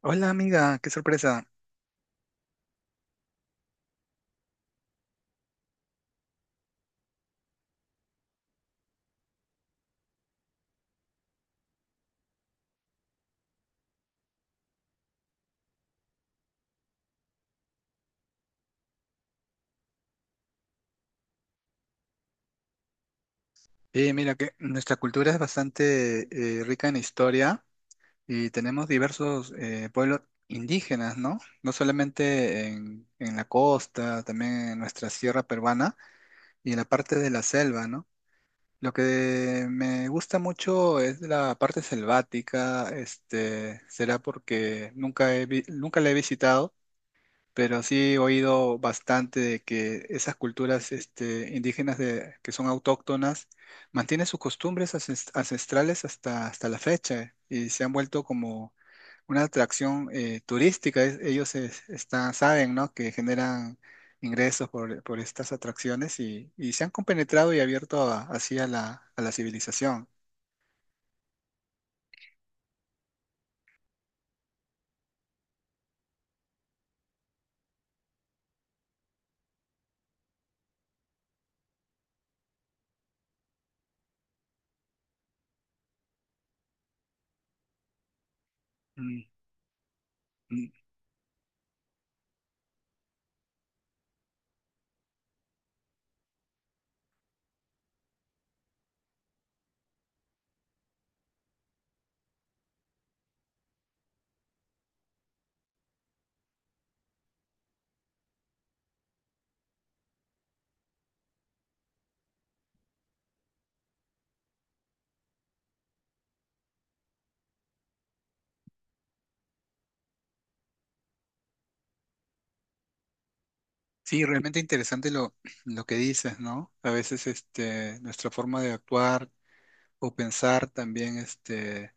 Hola amiga, qué sorpresa. Mira que nuestra cultura es bastante rica en historia y tenemos diversos pueblos indígenas, ¿no? No solamente en la costa, también en nuestra sierra peruana y en la parte de la selva, ¿no? Lo que me gusta mucho es la parte selvática, este, será porque nunca la he visitado, pero sí he oído bastante de que esas culturas este, indígenas de, que son autóctonas mantienen sus costumbres ancestrales hasta la fecha y se han vuelto como una atracción turística. Ellos están, saben, ¿no?, que generan ingresos por estas atracciones y se han compenetrado y abierto así a a la civilización. Mm, mm. Sí, realmente interesante lo que dices, ¿no? A veces este, nuestra forma de actuar o pensar también este,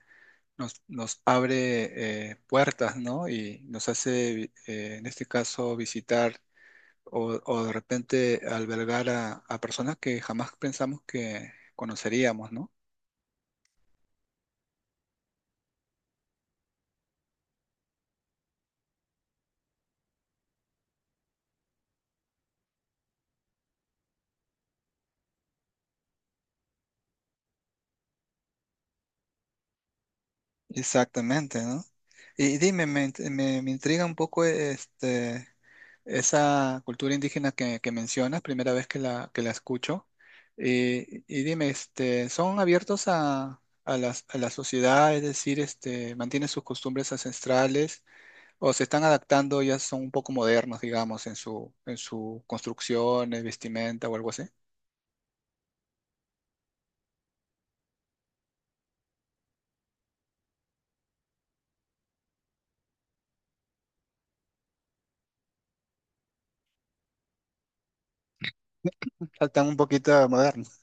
nos abre puertas, ¿no? Y nos hace, en este caso, visitar o de repente albergar a personas que jamás pensamos que conoceríamos, ¿no? Exactamente, ¿no? Y dime, me intriga un poco este, esa cultura indígena que mencionas, primera vez que que la escucho. Y dime, este, ¿son abiertos a, a la sociedad? Es decir, este, ¿mantienen sus costumbres ancestrales o se están adaptando, ya son un poco modernos, digamos, en en su construcción, vestimenta o algo así? Faltan un poquito modernos.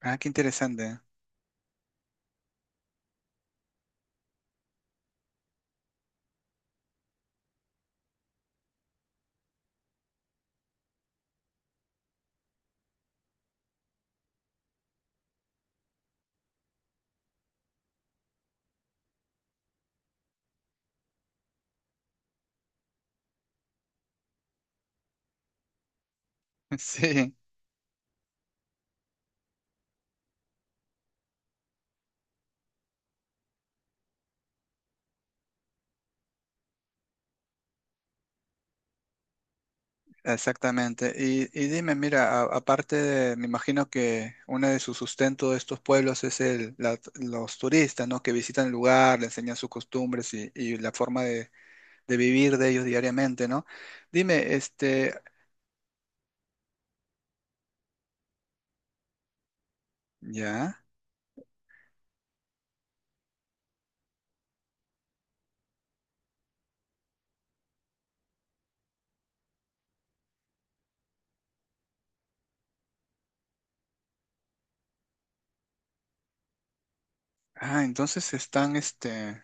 Ah, qué interesante. Sí. Exactamente. Y dime, mira, aparte de, me imagino que uno de sus sustentos de estos pueblos es los turistas, ¿no? Que visitan el lugar, le enseñan sus costumbres y la forma de vivir de ellos diariamente, ¿no? Dime, este, ya, ah, entonces están, este,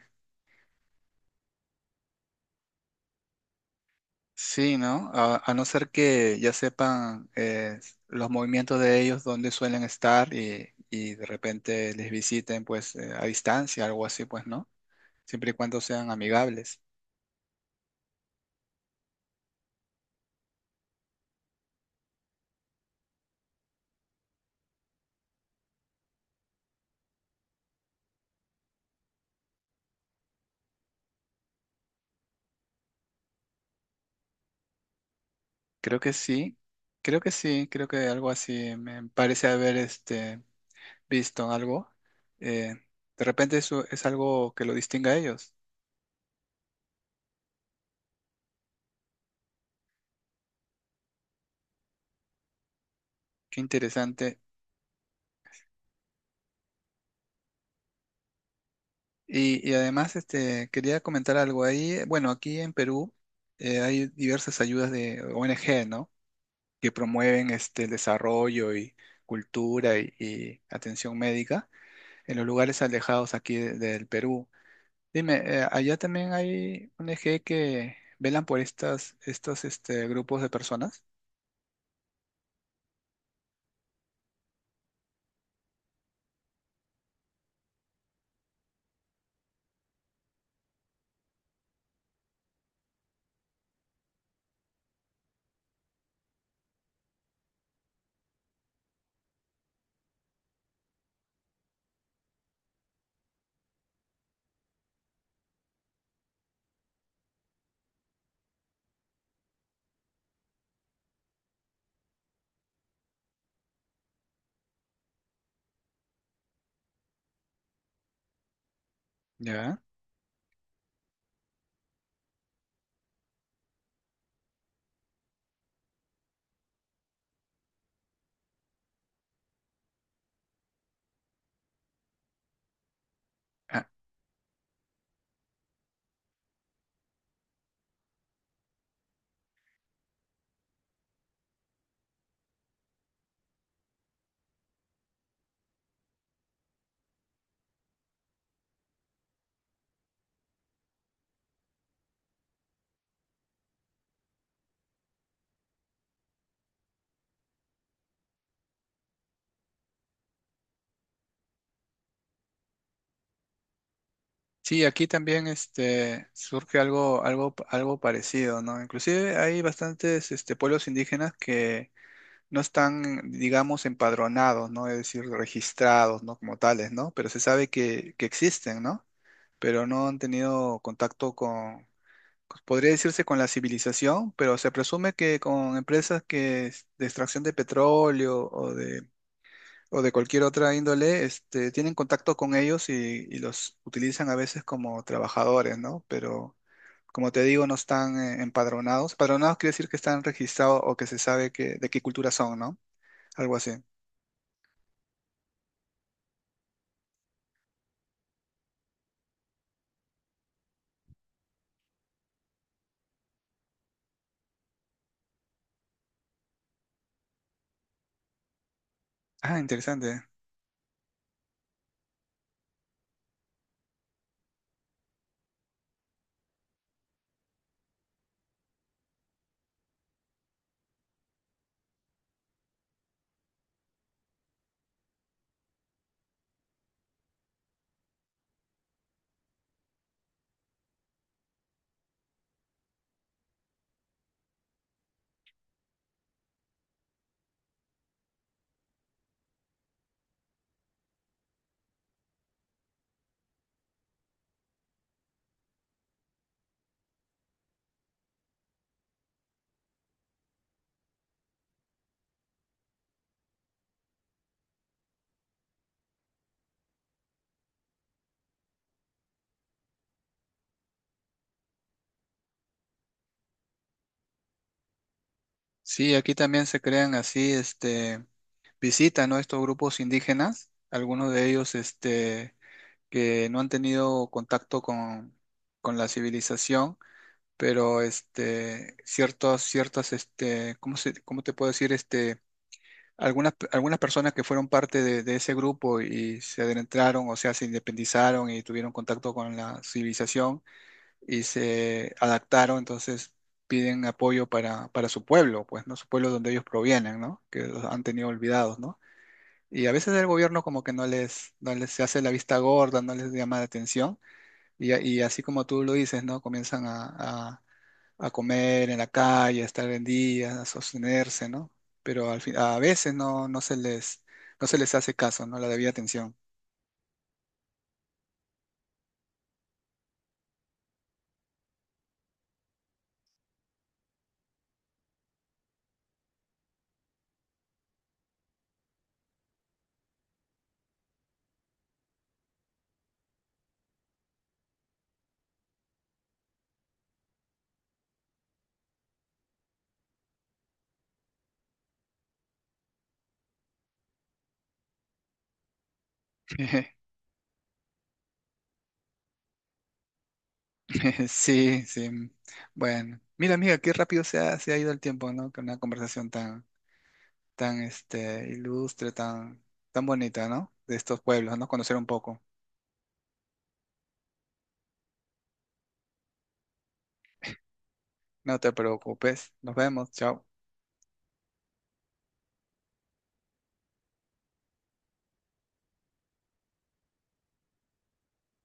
sí, ¿no? A no ser que ya sepan los movimientos de ellos, dónde suelen estar y de repente les visiten, pues, a distancia, algo así, pues, ¿no?, siempre y cuando sean amigables. Creo que sí, creo que sí, creo que algo así me parece haber este, visto algo. Eh, de repente eso es algo que lo distingue a ellos. Qué interesante. Y además este, quería comentar algo ahí. Eh, bueno, aquí en Perú hay diversas ayudas de ONG, ¿no? Que promueven este, el desarrollo y cultura y atención médica en los lugares alejados aquí del Perú. Dime, allá también hay un eje que velan por estas, estos este, grupos de personas, ¿ya? Ah, sí, aquí también este, surge algo, algo, algo parecido, ¿no? Inclusive hay bastantes este, pueblos indígenas que no están, digamos, empadronados, ¿no? Es decir, registrados, ¿no? Como tales, ¿no? Pero se sabe que existen, ¿no? Pero no han tenido contacto con, podría decirse, con la civilización, pero se presume que con empresas que es de extracción de petróleo o de cualquier otra índole, este, tienen contacto con ellos y los utilizan a veces como trabajadores, ¿no? Pero como te digo, no están empadronados. Empadronados quiere decir que están registrados o que se sabe que, de qué cultura son, ¿no? Algo así. Ah, interesante. Sí, aquí también se crean así, este, visitan, ¿no?, estos grupos indígenas, algunos de ellos, este, que no han tenido contacto con la civilización, pero este, ciertos, ciertas, este, ¿cómo se, cómo te puedo decir? Este, algunas, algunas personas que fueron parte de ese grupo y se adentraron, o sea, se independizaron y tuvieron contacto con la civilización y se adaptaron, entonces piden apoyo para su pueblo, pues, ¿no? Su pueblo donde ellos provienen, ¿no? Que los han tenido olvidados, ¿no? Y a veces el gobierno como que no no les se hace la vista gorda, no les llama la atención, y, y así como tú lo dices, ¿no? Comienzan a, a comer en la calle, a estar en vendidas, a sostenerse, ¿no? Pero a veces no se les, no se les hace caso, ¿no? La debida atención. Sí, sí. Bueno, mira, amiga, qué rápido se ha ido el tiempo, ¿no? Con una conversación tan, tan, este, ilustre, tan, tan bonita, ¿no? De estos pueblos, ¿no? Conocer un poco. No te preocupes. Nos vemos. Chao.